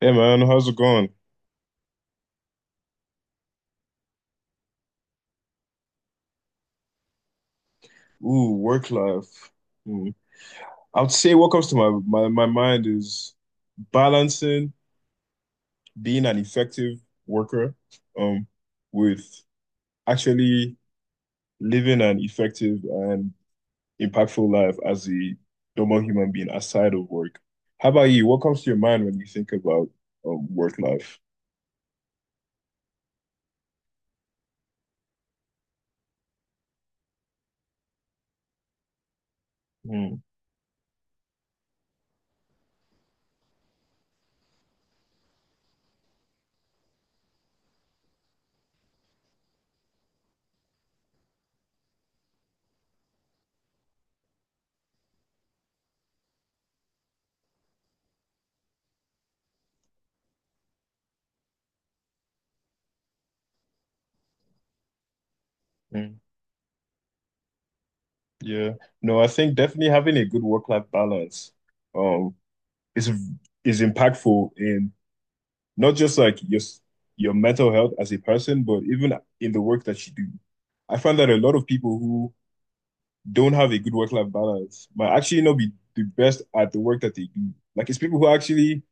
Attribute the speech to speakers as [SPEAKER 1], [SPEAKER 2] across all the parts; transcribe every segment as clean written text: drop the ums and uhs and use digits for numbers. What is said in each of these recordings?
[SPEAKER 1] Hey man, how's it going? Ooh, work life. Hmm. I would say what comes to my mind is balancing, being an effective worker, um with actually living an effective and impactful life as a normal human being aside of work. How about you? What comes to your mind when you think about work life? Mm, mm, yeah. No, I think definitely having a good work-life balance um is is impactful in not just like your mental health as a person, but even in the work that you do. I find that a lot of people who don't have a good work-life balance might actually not be the best at the work that they do. Like it's people who actually,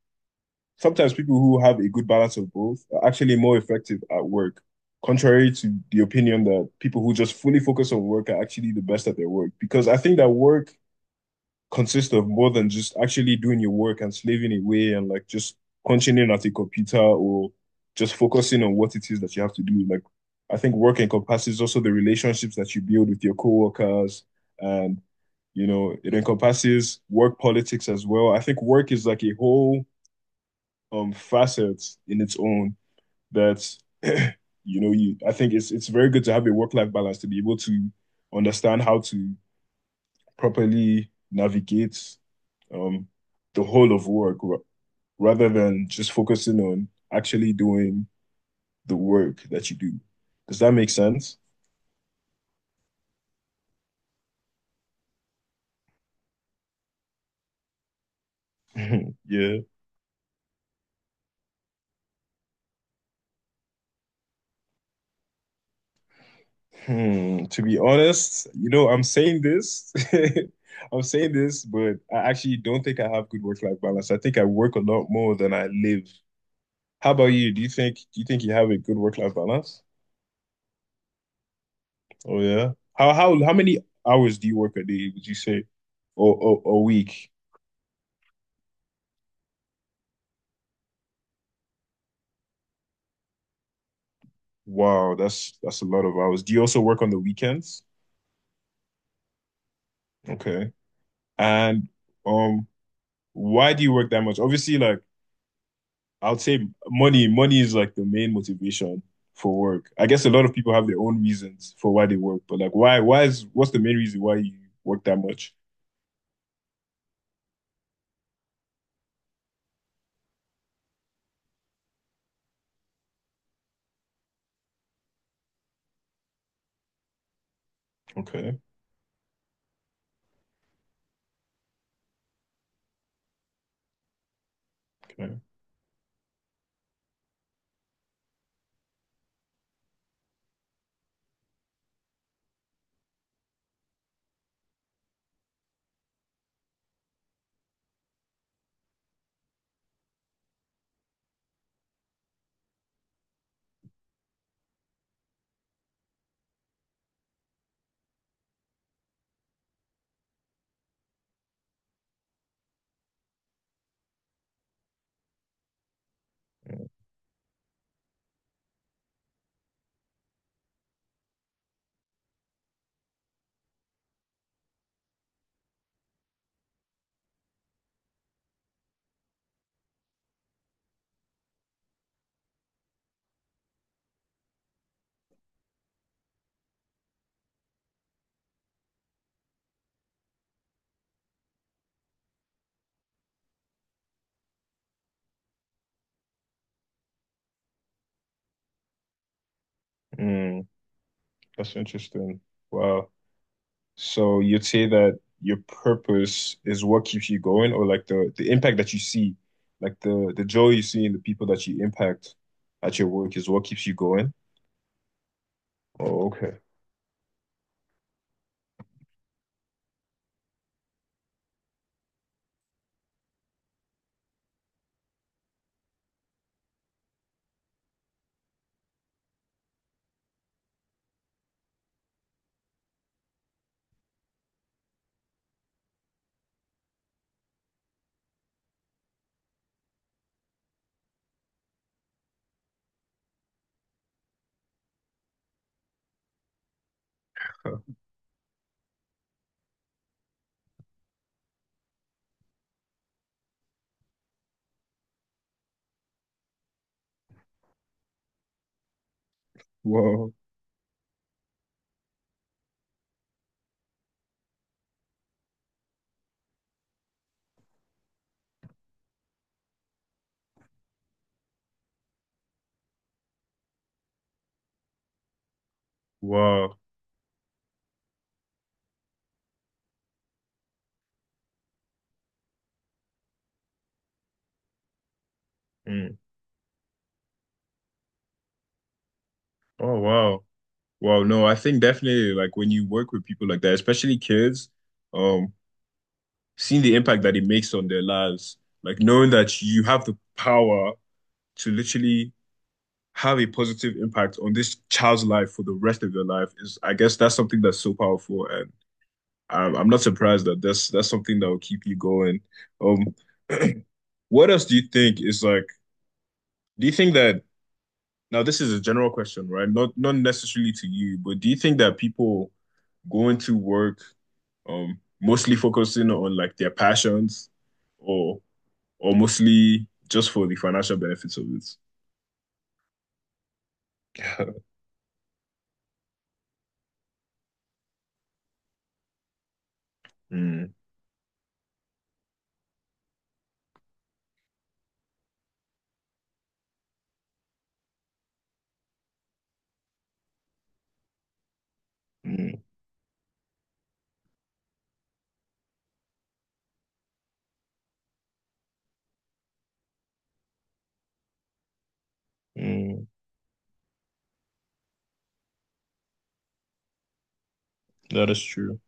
[SPEAKER 1] sometimes people who have a good balance of both are actually more effective at work, contrary to the opinion that people who just fully focus on work are actually the best at their work. Because I think that work consist of more than just actually doing your work and slaving away and like just punching in at a computer or just focusing on what it is that you have to do. Like, I think work encompasses also the relationships that you build with your coworkers and, you know, it encompasses work politics as well. I think work is like a whole facet in its own that you know, you I think it's very good to have a work-life balance to be able to understand how to properly navigate, um, the whole of work rather than just focusing on actually doing the work that you do. Does that make sense? Yeah. Hmm. To be honest, you know, I'm saying this. I'm saying this, but I actually don't think I have good work-life balance. I think I work a lot more than I live. How about you? Do you think you have a good work-life balance? Oh yeah. How many hours do you work a day, would you say? Or a week? Wow, that's a lot of hours. Do you also work on the weekends? Okay. And um, why do you work that much? Obviously, like, I'd say money, money is like the main motivation for work. I guess a lot of people have their own reasons for why they work, but like, why is, what's the main reason why you work that much? Okay. Okay. Mm, that's interesting. Wow. So you'd say that your purpose is what keeps you going, or like the impact that you see, like the joy you see in the people that you impact at your work is what keeps you going. Oh, okay. Huh. Wow. Wow. Mm. Oh, wow. Wow. No, I think definitely like when you work with people like that, especially kids, um, seeing the impact that it makes on their lives, like knowing that you have the power to literally have a positive impact on this child's life for the rest of your life is, I guess, that's something that's so powerful, and I'm not surprised that that's something that will keep you going. Um, what else do you think is like? Do you think that, now this is a general question, right? Not not necessarily to you, but do you think that people going to work, mostly focusing on like their passions, or or mostly just for the financial benefits of it? Mm, mm, mm. That is true.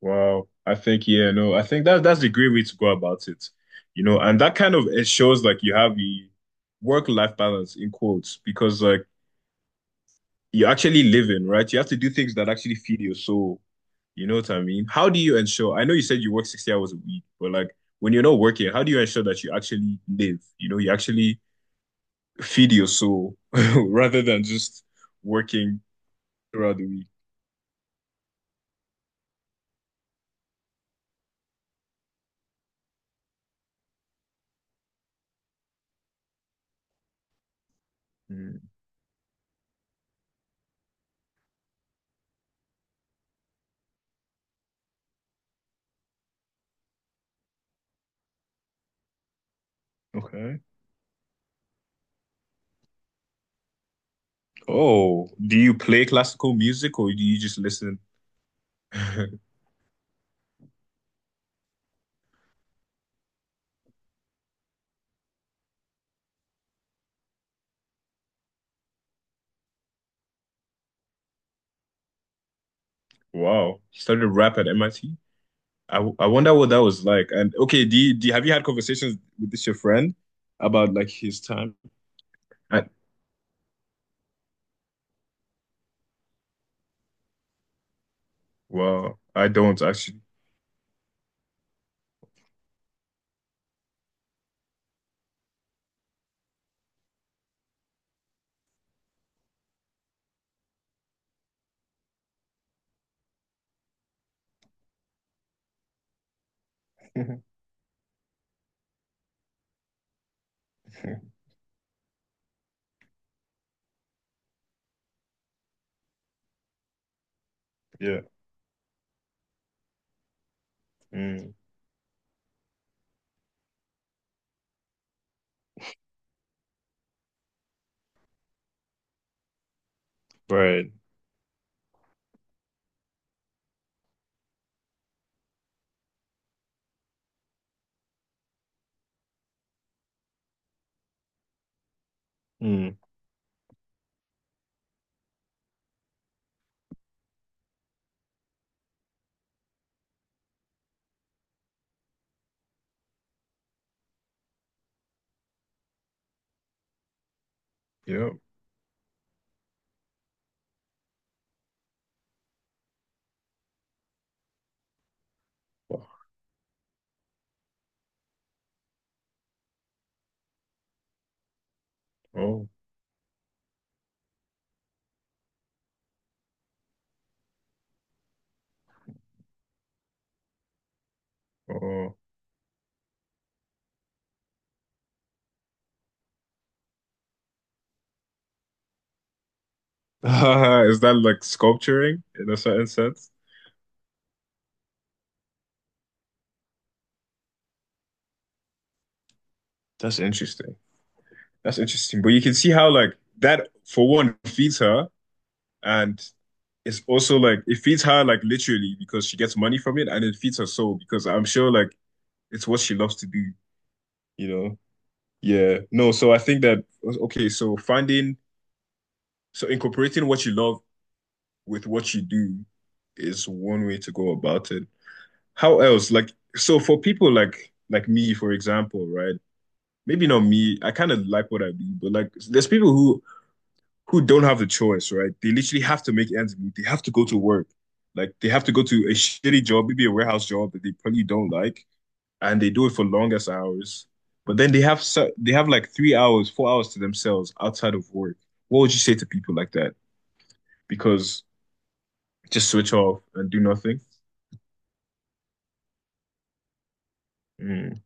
[SPEAKER 1] Wow. I think, yeah, no, I think that that's the great way to go about it. You know, and that kind of, it shows like you have a work-life balance in quotes, because like you're actually living, right? You have to do things that actually feed your soul. You know what I mean? How do you ensure? I know you said you work 60 hours a week, but like when you're not working, how do you ensure that you actually live? You know, you actually feed your soul rather than just working throughout the week. Mm, okay. Oh, do you play classical music or do you just listen? Wow. He started rap at MIT. I, T. I wonder what that was like. And okay, do you- have you had conversations with this your friend about like his time? I, well, I don't actually. Yeah. Mm. Right. Mm. Yeah. Wow. Oh. Oh. Is that like sculpturing in a certain sense? That's interesting. That's interesting. But you can see how like that for one feeds her. And it's also like it feeds her like literally because she gets money from it and it feeds her soul because I'm sure like it's what she loves to do, you know? Yeah. No, so I think that, okay, so finding so incorporating what you love with what you do is one way to go about it. How else? Like so for people like me, for example, right? Maybe not me. I kind of like what I do, but like there's people who don't have the choice, right? They literally have to make ends meet. They have to go to work. Like they have to go to a shitty job, maybe a warehouse job that they probably don't like, and they do it for longest hours. But then they have like 3 hours, 4 hours to themselves outside of work. What would you say to people like that? Because just switch off and do nothing. Mm,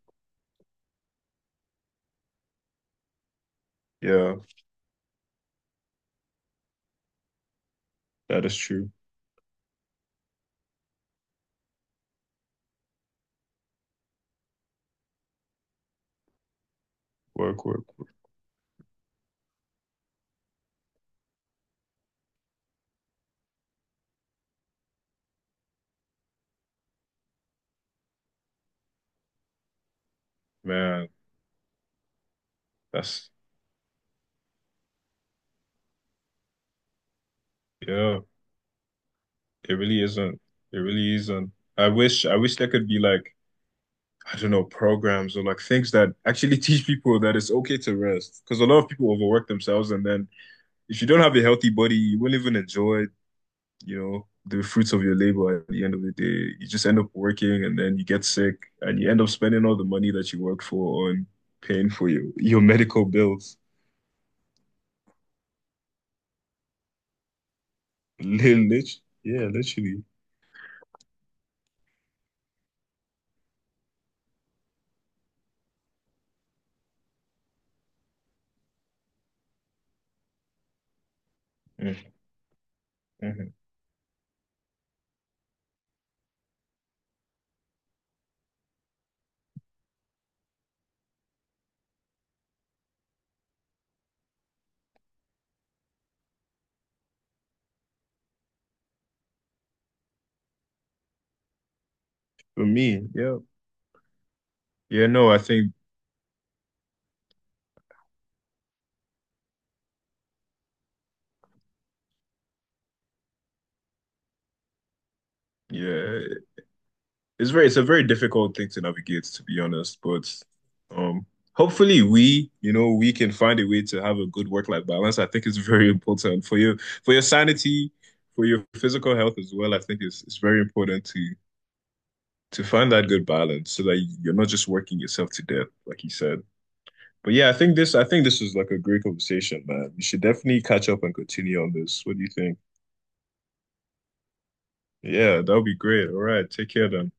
[SPEAKER 1] yeah, that is true. Work, work, work. Man, that's yeah. It really isn't. It really isn't. I wish there could be like, I don't know, programs or like things that actually teach people that it's okay to rest. Because a lot of people overwork themselves, and then if you don't have a healthy body, you won't even enjoy, you know, the fruits of your labor at the end of the day. You just end up working, and then you get sick, and you end up spending all the money that you worked for on paying for your medical bills. Lit, yeah, literally. Mhm. For me, yeah, yeah. No, I think yeah. It's very, it's a very difficult thing to navigate, to be honest. But um, hopefully we, you know, we can find a way to have a good work-life balance. I think it's very important for your, for your sanity, for your physical health as well. I think it's very important to find that good balance so that you're not just working yourself to death, like you said. But yeah, I think this is like a great conversation, man. We should definitely catch up and continue on this. What do you think? Yeah, that would be great. All right, take care then.